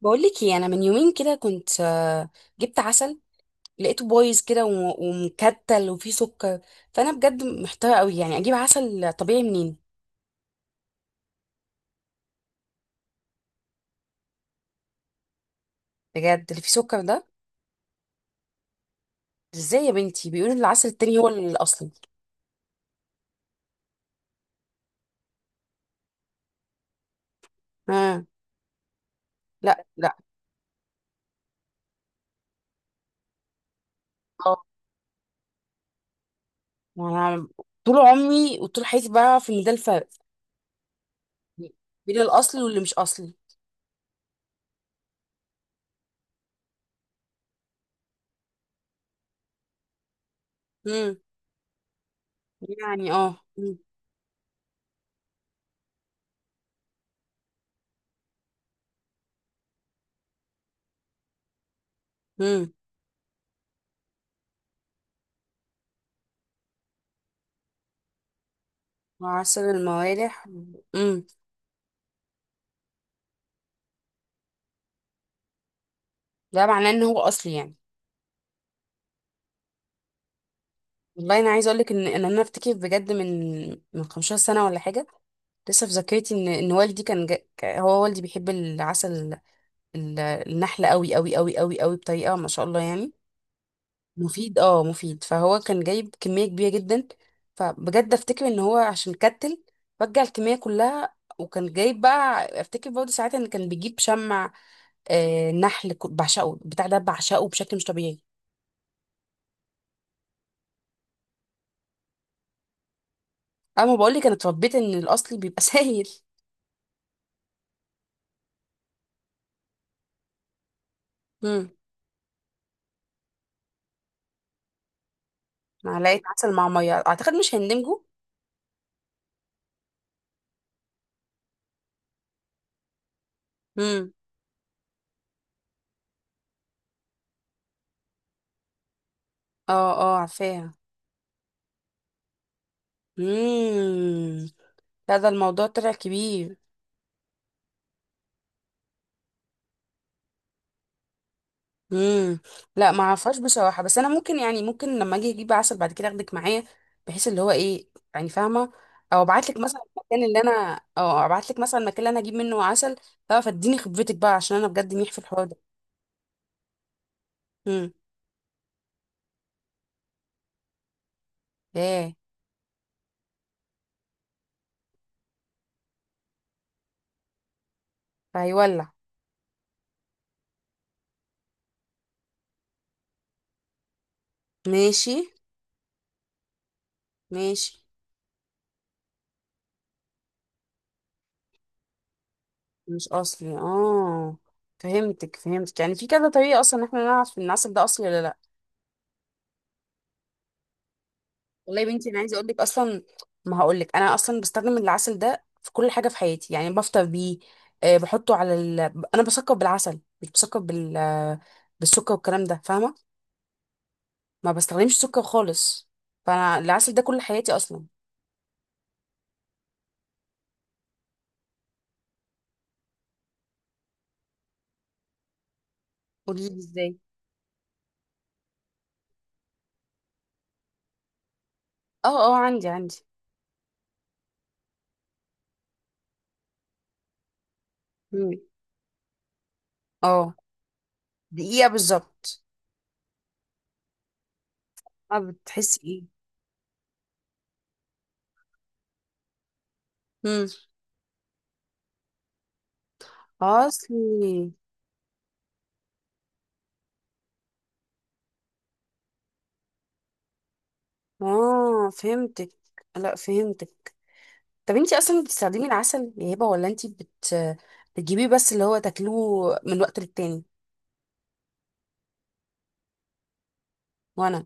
بقول لك ايه، انا من يومين كده كنت جبت عسل، لقيته بايظ كده ومكتل وفيه سكر. فانا بجد محتاره قوي، يعني اجيب عسل طبيعي منين؟ بجد اللي فيه سكر ده؟ ازاي يا بنتي بيقولوا إن العسل التاني هو الاصلي؟ ها. لا لا. اه. انا طول عمري وطول حياتي بعرف ان ده الفرق بين الاصلي واللي مش اصلي. امم. يعني اه. امم. عسل الموالح. امم. ده معناه ان هو اصلي يعني؟ والله انا عايزه اقول لك ان انا افتكر بجد من 15 سنه ولا حاجه، لسه في ذاكرتي ان والدي كان هو والدي بيحب النحل قوي قوي قوي قوي قوي، بطريقه ما شاء الله يعني. مفيد، اه، مفيد. فهو كان جايب كميه كبيره جدا، فبجد افتكر ان هو عشان كتل رجع الكميه كلها. وكان جايب بقى، افتكر برضه ساعتها، ان كان بيجيب شمع، نحل، بعشقه بتاع ده، بعشقه بشكل مش طبيعي. اما بقول لك انا اتربيت ان الاصلي بيبقى سايل. مم. معلقة عسل مع مية، اعتقد مش هندمجوا. امم. اه عارفاها. امم. لا، ده الموضوع طلع كبير. امم. لا، ما اعرفهاش بصراحة، بس انا ممكن، يعني ممكن لما اجي اجيب عسل بعد كده اخدك معايا، بحيث اللي هو ايه، يعني فاهمة؟ او ابعت لك مثلا المكان اللي انا اجيب منه عسل، تعرف، اديني خبرتك بقى، عشان انا بجد منيح في الحوار ده. امم. ايه. فهيولع. ماشي. ماشي. مش اصلي، اه. فهمتك، فهمتك. يعني في كذا طريقه اصلا ان احنا نعرف ان العسل ده اصلي ولا لا. والله يا بنتي، انا عايزه اقول لك اصلا، ما هقول لك، انا اصلا بستخدم العسل ده في كل حاجه في حياتي، يعني بفطر بيه، بحطه انا بسكر بالعسل، مش بسكر بالسكر والكلام ده، فاهمه؟ ما بستخدمش سكر خالص، فانا العسل ده كل حياتي اصلا. قولي لي ازاي. اه اه، عندي. مم. اه. دقيقه بالظبط. اه، بتحسي ايه؟ مم. اصلي. اه، فهمتك. لا، فهمتك. طب انتي اصلا بتستخدمي العسل يا هبه، ولا انتي بت بتجيبيه بس، اللي هو تاكلوه من وقت للتاني؟ وانا.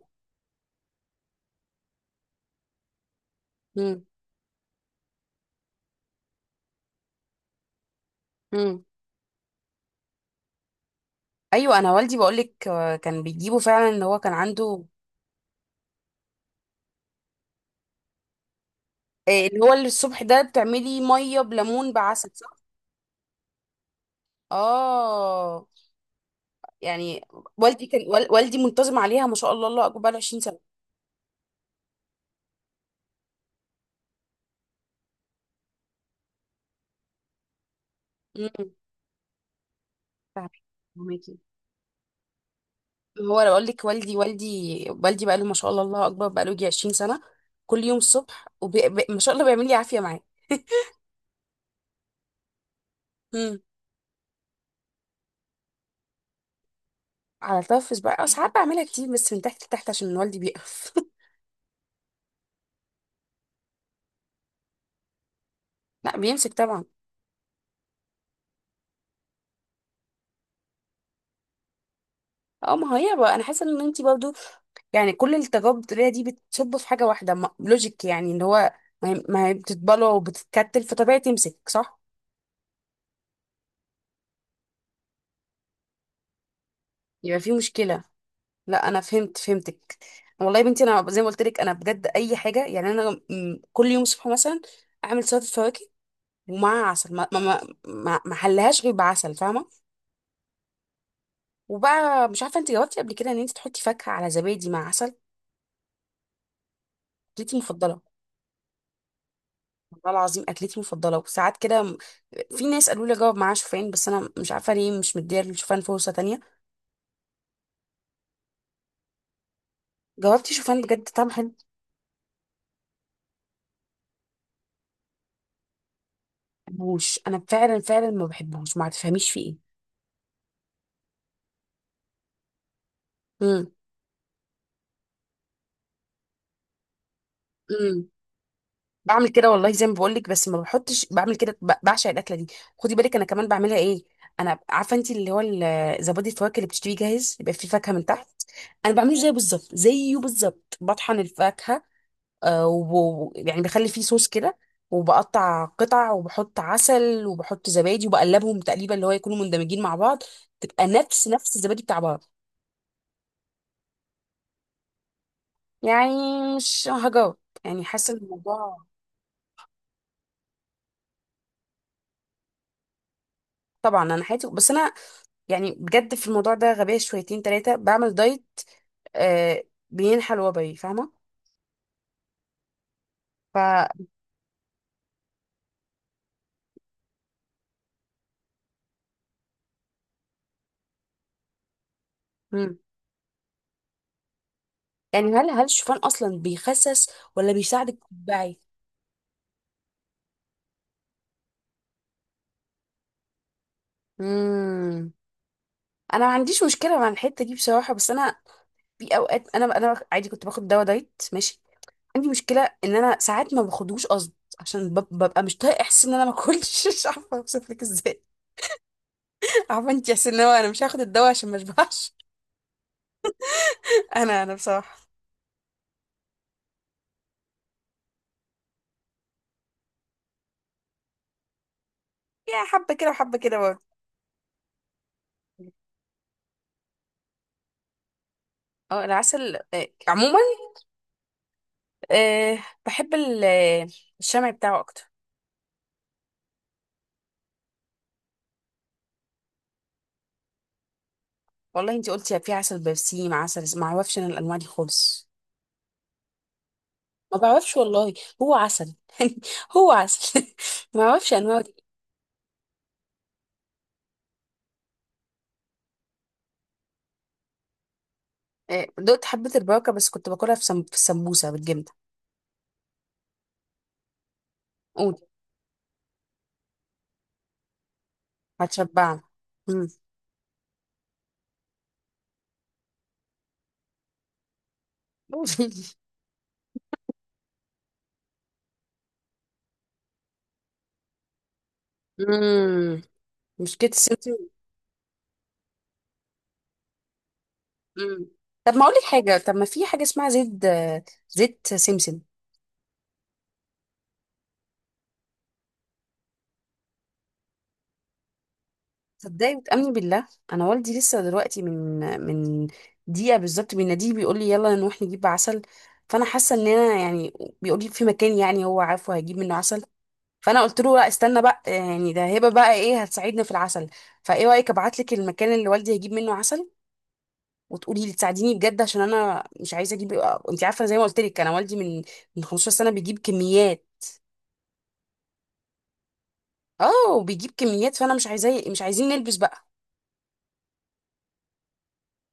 امم. امم. ايوه، انا والدي بقولك كان بيجيبه فعلا، اللي هو كان عنده اللي هو اللي الصبح ده بتعملي ميه بليمون بعسل، صح؟ اه، يعني والدي كان والدي منتظم عليها، ما شاء الله، الله اكبر، 20 سنه. امم. فاهمك. هو انا بقول لك والدي، والدي بقى له، ما شاء الله، الله اكبر، بقى له يجي 20 سنه كل يوم الصبح، ما شاء الله بيعمل لي عافيه معاه. امم. على الطرف بقى، ساعات بعملها كتير، بس من تحت لتحت عشان والدي بيقف لا، بيمسك طبعا. اه، ما هي بقى انا حاسه ان انت برضو، يعني كل التجارب الطبيه دي بتصب في حاجه واحده، ما... لوجيك يعني، اللي هو ما هي بتتبلع وبتتكتل، فطبيعي تمسك، صح؟ يبقى في مشكله. لا، انا فهمت، فهمتك. والله يا بنتي، انا زي ما قلت لك، انا بجد اي حاجه، يعني انا كل يوم الصبح مثلا اعمل سلطه فواكه ومع عسل، ما حلهاش غير بعسل، فاهمه؟ وبقى مش عارفه، انت جاوبتي قبل كده ان انت تحطي فاكهه على زبادي مع عسل، اكلتي المفضله؟ والله العظيم اكلتي المفضله، وساعات كده في ناس قالوا لي جاوب معاها شوفان، بس انا مش عارفه ليه مش مديه للشوفان فرصه تانية. جاوبتي شوفان بجد طعم حلو؟ ما بحبوش، انا فعلا فعلا ما بحبوش، ما تفهميش في ايه. امم. إمم. بعمل كده والله زي ما بقول لك، بس ما بحطش. بعمل كده، بعشق الاكله دي. خدي بالك، انا كمان بعملها ايه، انا عارفه انت اللي هو زبادي الفواكه اللي بتشتريه جاهز، يبقى فيه فاكهه من تحت. انا بعمله زيه بالظبط، زيه بالظبط، بطحن الفاكهه، يعني بخلي فيه صوص كده، وبقطع قطع، وبحط عسل وبحط زبادي، وبقلبهم تقليبه اللي هو يكونوا مندمجين مع بعض، تبقى نفس الزبادي بتاع بعض. يعني مش هجاوب، يعني حاسه إن الموضوع. طبعا، انا حياتي، بس انا، يعني بجد في الموضوع ده غبية شويتين تلاتة، بعمل دايت آه بين حلوة، فاهمة؟ ف. مم. يعني هل الشوفان أصلا بيخسس ولا بيساعدك تتبعي؟ مم. أنا ما عنديش مشكلة مع الحتة دي بصراحة، بس أنا في أوقات أنا عادي كنت باخد دواء دايت، ماشي. عندي مشكلة إن أنا ساعات ما باخدوش قصد، عشان ببقى مش طايقة إحساس إن أنا ما أكلش مش عارفة أوصف لك إزاي. عارفة أنت إحساس إن هو أنا مش هاخد الدواء عشان ما أشبعش. أنا بصراحة يا حبة كده وحبة كده برضه. اه، العسل عموما آه، بحب الشمع بتاعه اكتر. والله، انتي قلتي في عسل بنفسجي مع ما اعرفش انا الانواع دي خالص. ما بعرفش والله، هو عسل يعني، هو عسل ما اعرفش انواع دي. دقت حبة البركة، بس كنت باكلها في في السمبوسة بالجبنة. قول. هتشبع. مم. مم. مشكلة السمسم. مم. طب ما اقول لك حاجة، طب ما في حاجة اسمها زيت سمسم؟ صدقني وتأمني بالله، انا والدي لسه دلوقتي من دقيقه بالظبط بيناديه، بيقول لي يلا نروح نجيب عسل، فانا حاسه ان انا يعني، بيقول لي في مكان يعني هو عارفه هجيب منه عسل. فانا قلت له لا، استنى بقى، يعني ده هبه بقى ايه، هتساعدنا في العسل. فايه رايك ابعت لك المكان اللي والدي هيجيب منه عسل، وتقولي لي تساعديني بجد، عشان انا مش عايزه اجيب، انت عارفه زي ما قلت لك، انا والدي من 15 سنه بيجيب كميات. اه بيجيب كميات، فانا مش عايزاه، مش عايزين نلبس بقى.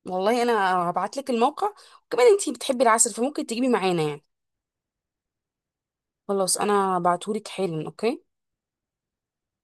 والله انا هبعت لك الموقع، وكمان انتي بتحبي العسل فممكن تجيبي معانا يعني. خلاص، انا هبعتهولك حالا، اوكي.